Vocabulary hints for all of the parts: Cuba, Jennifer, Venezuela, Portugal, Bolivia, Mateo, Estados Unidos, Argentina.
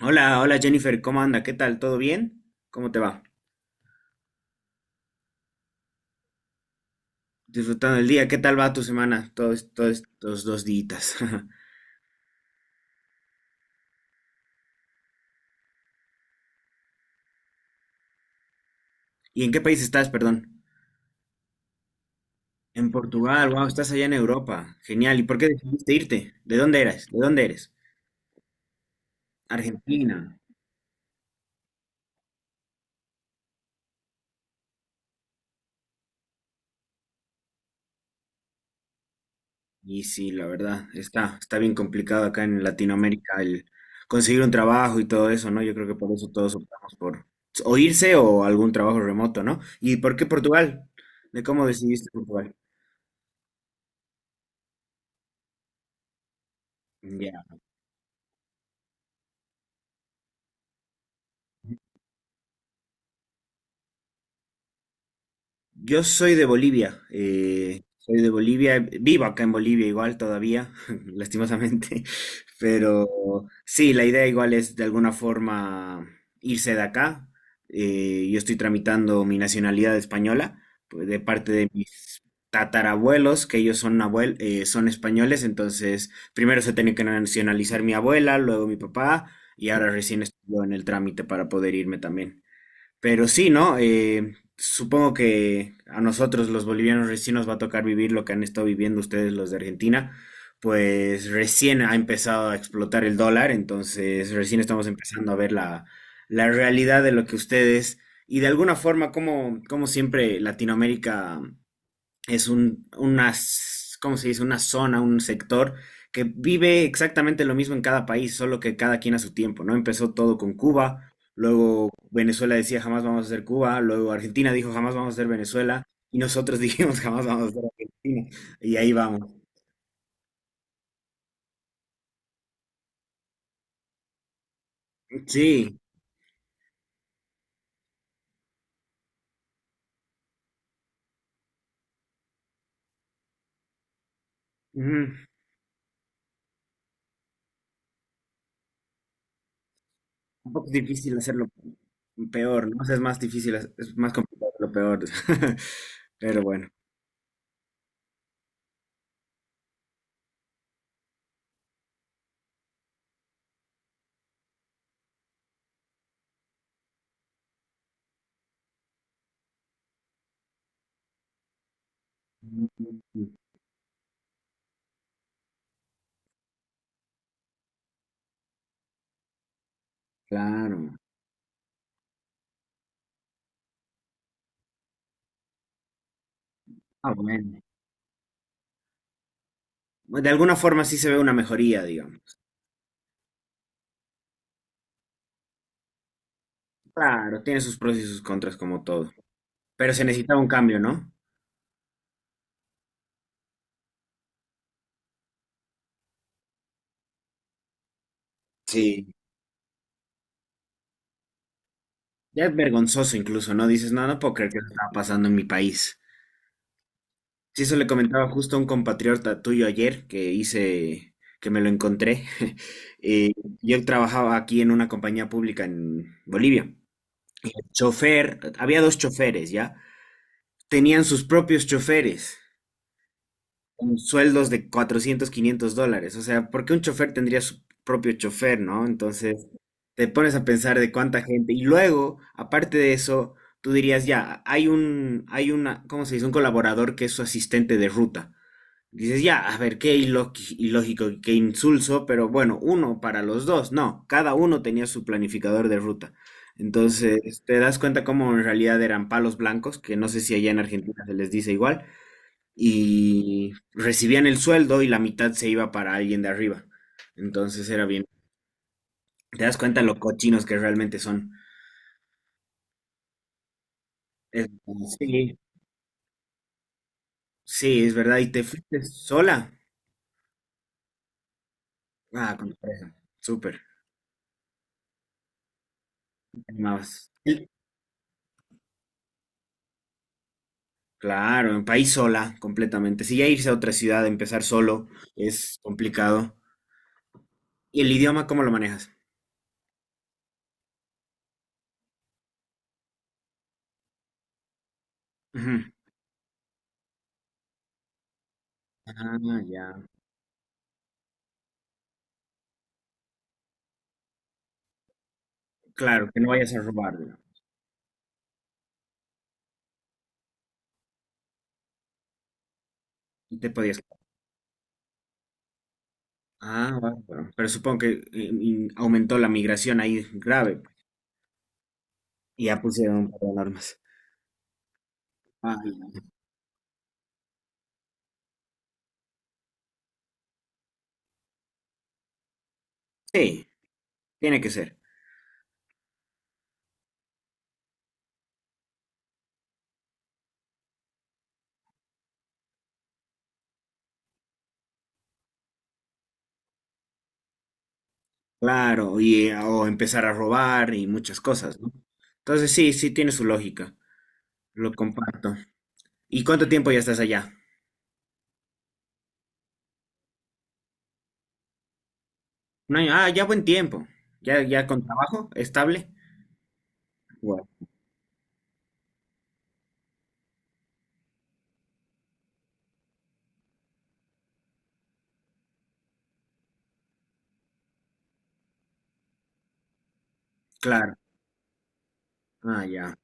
Hola, hola Jennifer, ¿cómo anda? ¿Qué tal? ¿Todo bien? ¿Cómo te va? Disfrutando el día, ¿qué tal va tu semana? Todos estos 2 días. ¿Y en qué país estás, perdón? En Portugal, wow, estás allá en Europa. Genial. ¿Y por qué decidiste irte? ¿De dónde eres? ¿De dónde eres? Argentina. Y sí, la verdad, está bien complicado acá en Latinoamérica el conseguir un trabajo y todo eso, ¿no? Yo creo que por eso todos optamos por o irse o algún trabajo remoto, ¿no? ¿Y por qué Portugal? ¿De cómo decidiste Portugal? Ya. Yo soy de Bolivia, vivo acá en Bolivia igual todavía, lastimosamente, pero sí, la idea igual es de alguna forma irse de acá. Yo estoy tramitando mi nacionalidad española pues, de parte de mis tatarabuelos, que ellos son españoles, entonces primero se tenía que nacionalizar mi abuela, luego mi papá, y ahora recién estoy yo en el trámite para poder irme también. Pero sí, ¿no? Supongo que a nosotros los bolivianos recién nos va a tocar vivir lo que han estado viviendo ustedes los de Argentina, pues recién ha empezado a explotar el dólar, entonces recién estamos empezando a ver la realidad de lo que ustedes y de alguna forma como siempre Latinoamérica es ¿cómo se dice? Una zona, un sector que vive exactamente lo mismo en cada país, solo que cada quien a su tiempo, ¿no? Empezó todo con Cuba, luego Venezuela decía jamás vamos a ser Cuba, luego Argentina dijo jamás vamos a ser Venezuela, y nosotros dijimos jamás vamos a ser Argentina, y ahí vamos. Sí, ujú, un poco difícil hacerlo peor, ¿no? O sea, es más difícil, es más complicado lo peor, pero bueno. Claro. Ah, bueno. De alguna forma sí se ve una mejoría, digamos. Claro, tiene sus pros y sus contras como todo. Pero se necesitaba un cambio, ¿no? Sí, ya es vergonzoso incluso, ¿no? Dices, no, no puedo creer que esto está pasando en mi país. Sí, eso le comentaba justo a un compatriota tuyo ayer que hice, que me lo encontré. Eh, yo trabajaba aquí en una compañía pública en Bolivia. Chofer, había dos choferes, ¿ya? Tenían sus propios choferes. Con sueldos de 400, $500. O sea, ¿por qué un chofer tendría su propio chofer, no? Entonces, te pones a pensar de cuánta gente. Y luego, aparte de eso, tú dirías, ya, hay una, ¿cómo se dice? Un colaborador que es su asistente de ruta. Dices, ya, a ver, qué ilógico, qué insulso, pero bueno, uno para los dos. No, cada uno tenía su planificador de ruta. Entonces, te das cuenta cómo en realidad eran palos blancos, que no sé si allá en Argentina se les dice igual, y recibían el sueldo y la mitad se iba para alguien de arriba. Entonces era bien. Te das cuenta lo cochinos que realmente son. Es- sí, sí, es verdad. ¿Y te fuiste sola? Ah, con tu pareja. Súper. Te animabas. Sí. Claro, en país sola, completamente. Si ya irse a otra ciudad, empezar solo, es complicado. ¿Y el idioma cómo lo manejas? Ujú. Ah, ya. Claro, que no vayas a robar, digamos. Y te podías. Ah, bueno. Bueno, pero supongo que aumentó la migración ahí grave. Pues, y ya pusieron un par de alarmas. Ah, sí, tiene que ser. Claro, y o empezar a robar y muchas cosas, ¿no? Entonces sí, sí tiene su lógica. Lo comparto. ¿Y cuánto tiempo ya estás allá? Un año. Ah, ya buen tiempo. Ya, ya con trabajo estable. Bueno, claro. Ah, ya.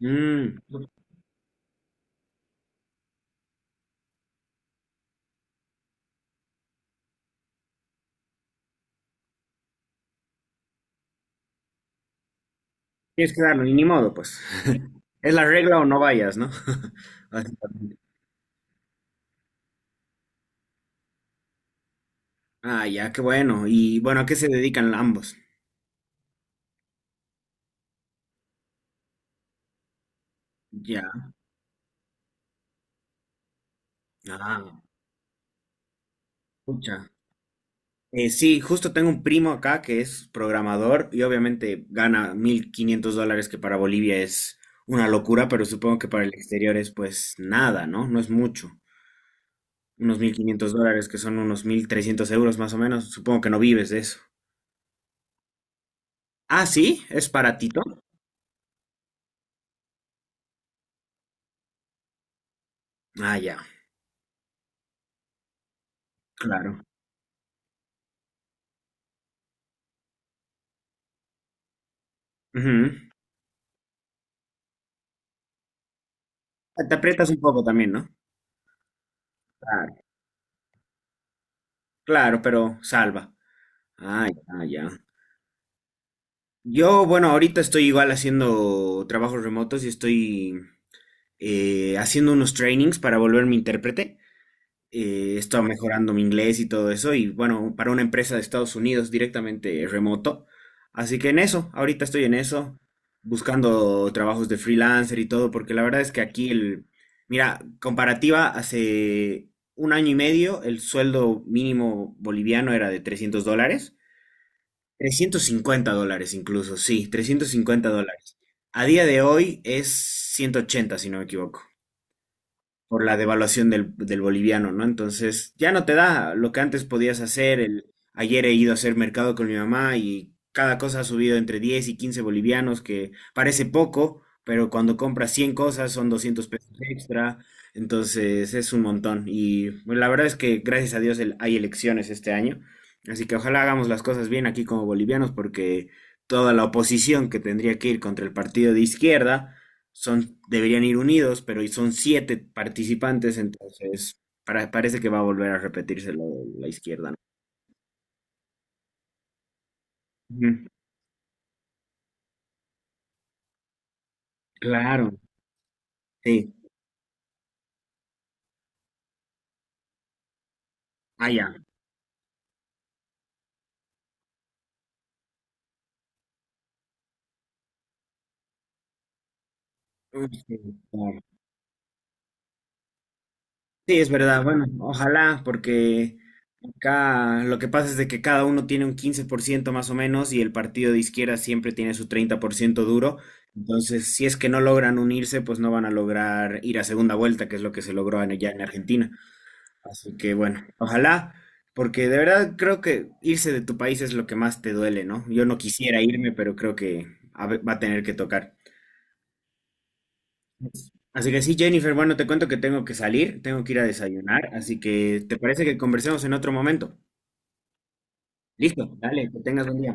Mm, Tienes que darlo, y ni modo, pues. Es la regla o no vayas, ¿no? Así. Ah, ya, qué bueno. Y bueno, ¿a qué se dedican ambos? Ya. Ah, pucha. Sí, justo tengo un primo acá que es programador y obviamente gana $1500, que para Bolivia es una locura, pero supongo que para el exterior es pues nada, ¿no? No es mucho. Unos $1500, que son unos 1300 € más o menos. Supongo que no vives de eso. Ah, sí, es baratito. Ah, ya, claro. Ujú. Te aprietas un poco también, ¿no? Claro, claro, pero salva. Ah, ya, ya. Yo, bueno, ahorita estoy igual haciendo trabajos remotos y estoy haciendo unos trainings para volverme intérprete. Estoy mejorando mi inglés y todo eso. Y bueno, para una empresa de Estados Unidos directamente remoto. Así que en eso, ahorita estoy en eso, buscando trabajos de freelancer y todo, porque la verdad es que aquí el, mira, comparativa, hace un año y medio el sueldo mínimo boliviano era de $300. $350 incluso, sí, $350. A día de hoy es 180 si no me equivoco por la devaluación del boliviano, ¿no? Entonces, ya no te da lo que antes podías hacer. Ayer he ido a hacer mercado con mi mamá y cada cosa ha subido entre 10 y 15 bolivianos, que parece poco, pero cuando compras 100 cosas son 200 pesos extra. Entonces, es un montón. Y bueno, la verdad es que, gracias a Dios, hay elecciones este año. Así que ojalá hagamos las cosas bien aquí como bolivianos, porque toda la oposición que tendría que ir contra el partido de izquierda son, deberían ir unidos, pero son siete participantes, entonces parece que va a volver a repetirse lo de la izquierda, ¿no? Ujú, claro, sí, ah, ya. Ujú, claro. Sí, es verdad, bueno, ojalá, porque acá lo que pasa es de que cada uno tiene un 15% más o menos y el partido de izquierda siempre tiene su 30% duro, entonces si es que no logran unirse, pues no van a lograr ir a segunda vuelta, que es lo que se logró ya en Argentina. Así que bueno, ojalá, porque de verdad creo que irse de tu país es lo que más te duele, ¿no? Yo no quisiera irme, pero creo que va a tener que tocar. Así que sí, Jennifer, bueno, te cuento que tengo que salir, tengo que ir a desayunar, así que ¿te parece que conversemos en otro momento? Listo, dale, que tengas buen día.